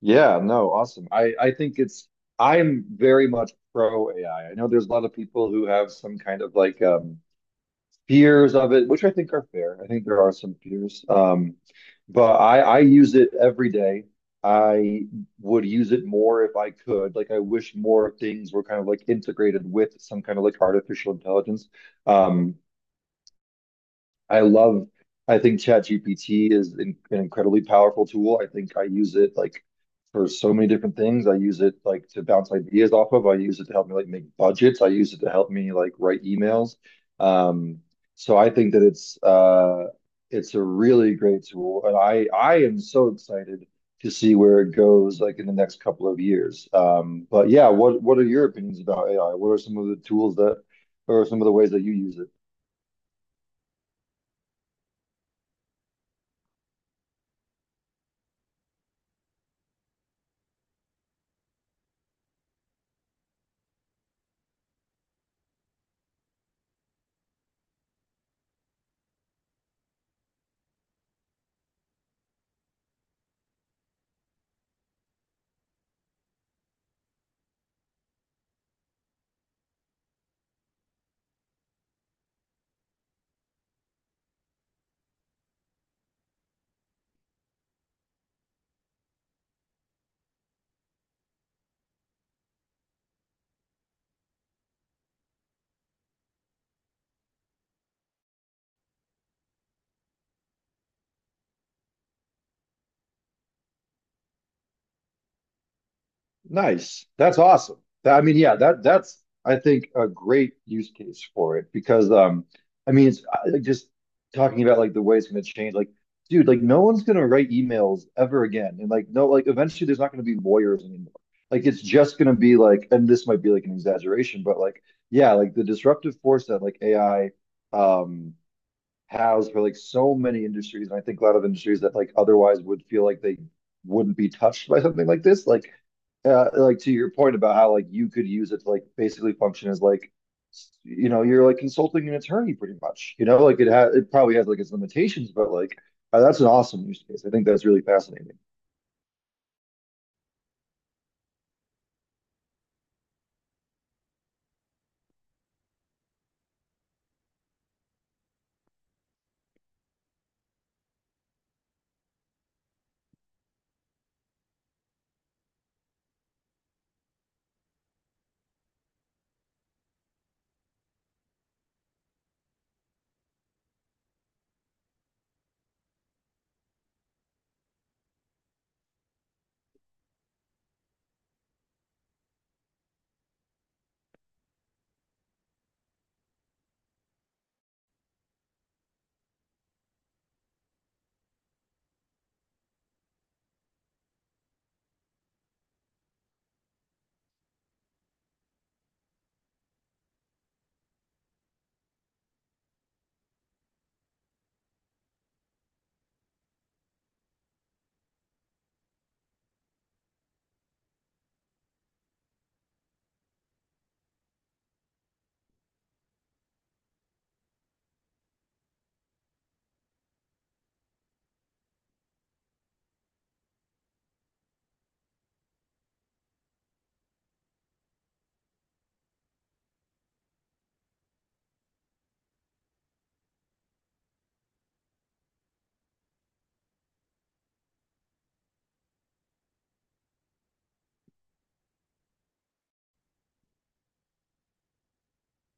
Yeah, no, awesome. I think it's I'm very much pro AI. I know there's a lot of people who have some kind of like fears of it, which I think are fair. I think there are some fears. But I use it every day. I would use it more if I could. Like I wish more things were kind of like integrated with some kind of like artificial intelligence. Um, I I think ChatGPT is an incredibly powerful tool. I think I use it like for so many different things. I use it like to bounce ideas off of. I use it to help me like make budgets. I use it to help me like write emails. Um, so I think that it's it's a really great tool, and I am so excited to see where it goes like in the next couple of years. But yeah, what are your opinions about AI? What are some of the tools or some of the ways that you use it? Nice. That's awesome. That- I mean, yeah, that's I think a great use case for it because I mean it's I- like just talking about like the way it's going to change like dude like no one's going to write emails ever again and like no like eventually there's not going to be lawyers anymore. Like it's just going to be like and this might be like an exaggeration but like yeah, like the disruptive force that like AI um has for like so many industries, and I think a lot of industries that like otherwise would feel like they wouldn't be touched by something like this. Like to your point about how like you could use it to like basically function as like, you know, you're like consulting an attorney pretty much. You know, like it probably has like its limitations, but like that's an awesome use case. I think that's really fascinating.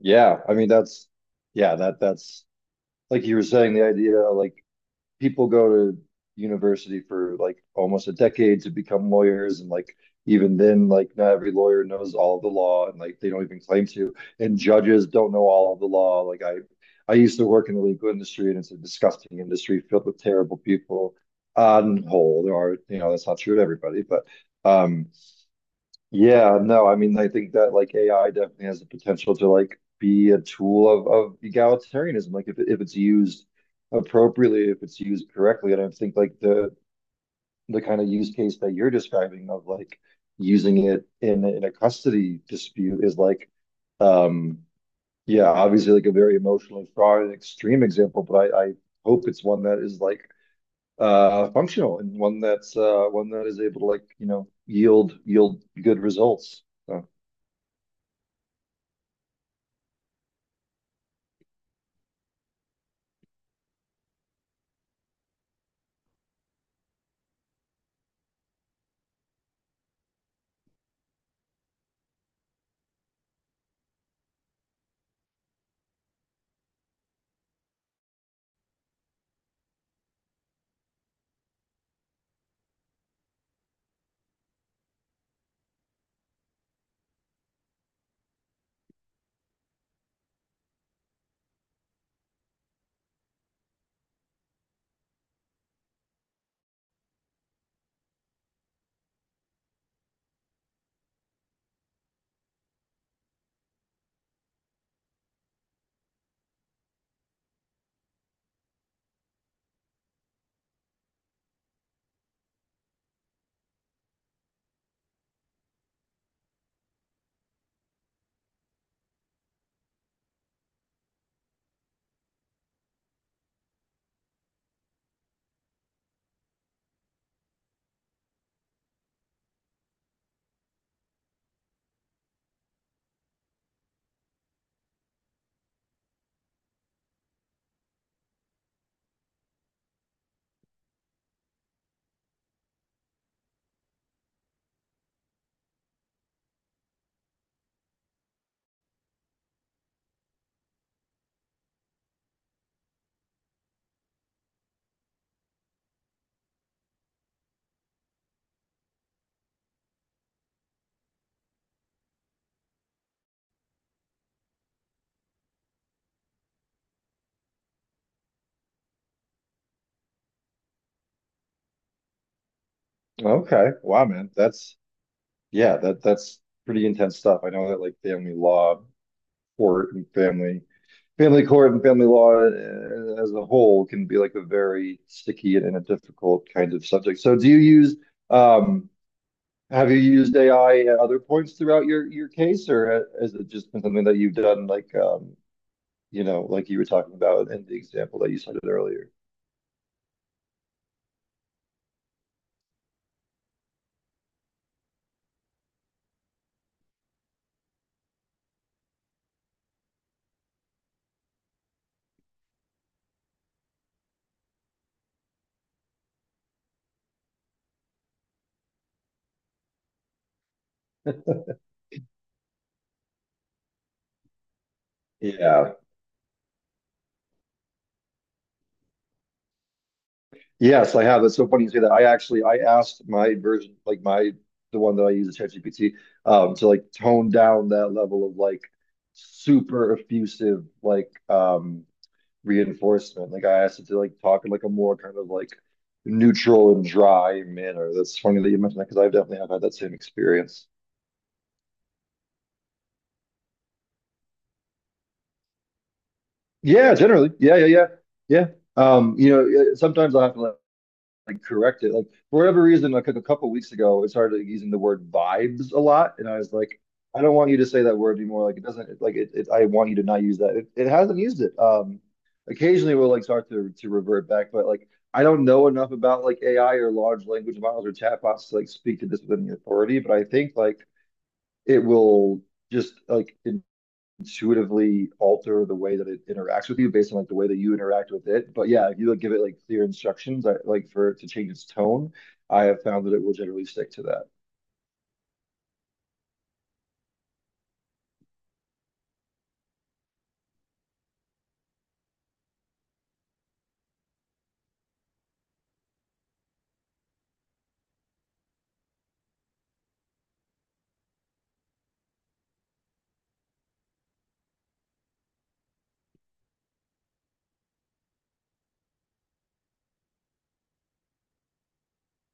Yeah, I mean that's yeah that's like you were saying the idea like people go to university for like almost a decade to become lawyers and like even then like not every lawyer knows all of the law and like they don't even claim to and judges don't know all of the law like I used to work in the legal industry and it's a disgusting industry filled with terrible people on whole there are you know that's not true to everybody but um yeah, no, I mean, I think that like AI definitely has the potential to like be a tool of egalitarianism, like if if it's used appropriately, if it's used correctly, and I think like the kind of use case that you're describing of like using it in a custody dispute is like, um, yeah, obviously like a very emotionally fraught and extreme example, but I hope it's one that is like functional and one that's one that is able to like you know yield good results. Okay. Wow, man. That's yeah, that's pretty intense stuff. I know that like family law court and family court and family law as a whole can be like a very sticky and a difficult kind of subject. So do you use um have you used AI at other points throughout your case or has it just been something that you've done like you know like you were talking about in the example that you cited earlier? Yeah. Yes, I have. It's so funny you say that. I actually I asked my version, like my the one that I use at ChatGPT, to like tone down that level of like super effusive like reinforcement. Like I asked it to like talk in like a more kind of like neutral and dry manner. That's funny that you mentioned that because I've definitely have had that same experience. Yeah, generally. Yeah, yeah, yeah. Yeah. You know, sometimes I have to like correct it. Like for whatever reason, like a couple of weeks ago, it started using the word vibes a lot, and I was like, I don't want you to say that word anymore. Like it doesn't like it. I want you to not use that. It hasn't used it. Occasionally we'll like start to revert back, but like I don't know enough about like AI or large language models or chatbots to like speak to this with any authority. But I think like it will just like it intuitively alter the way that it interacts with you based on like the way that you interact with it. But yeah, if you like give it like clear instructions, like for it to change its tone, I have found that it will generally stick to that.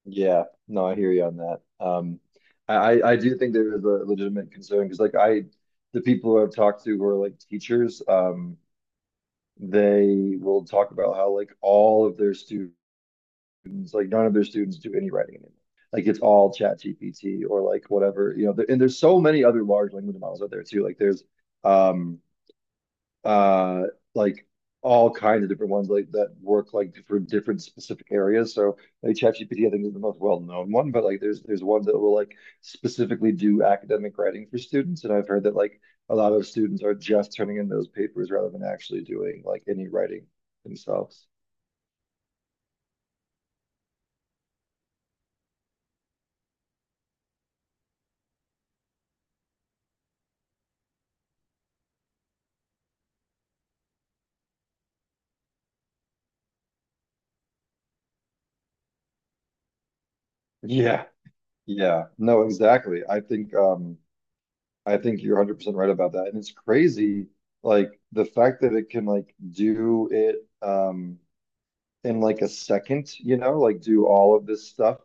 Yeah, no, I hear you on that. I I do think there is a legitimate concern because like the people who I've talked to who are like teachers, they will talk about how like all of their students, like none of their students do any writing anymore. Like it's all chat GPT or like whatever, you know, and there's so many other large language models out there too. Like there's um uh like all kinds of different ones like that work like for different specific areas. So like ChatGPT, I think is the most well-known one, but like there's one that will like specifically do academic writing for students. And I've heard that like a lot of students are just turning in those papers rather than actually doing like any writing themselves. Yeah. Yeah, no, exactly. I think you're 100% right about that. And it's crazy like the fact that it can like do it in like a second, you know, like do all of this stuff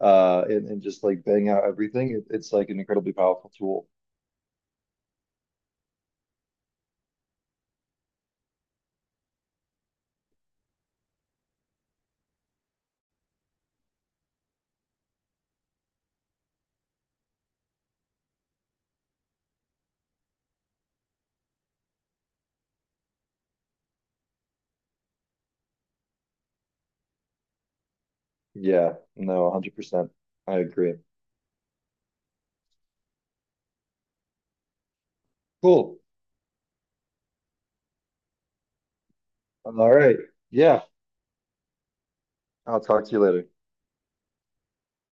and just like bang out everything. It's like an incredibly powerful tool. Yeah, no, 100%. I agree. Cool. All right. Yeah, I'll talk to you later.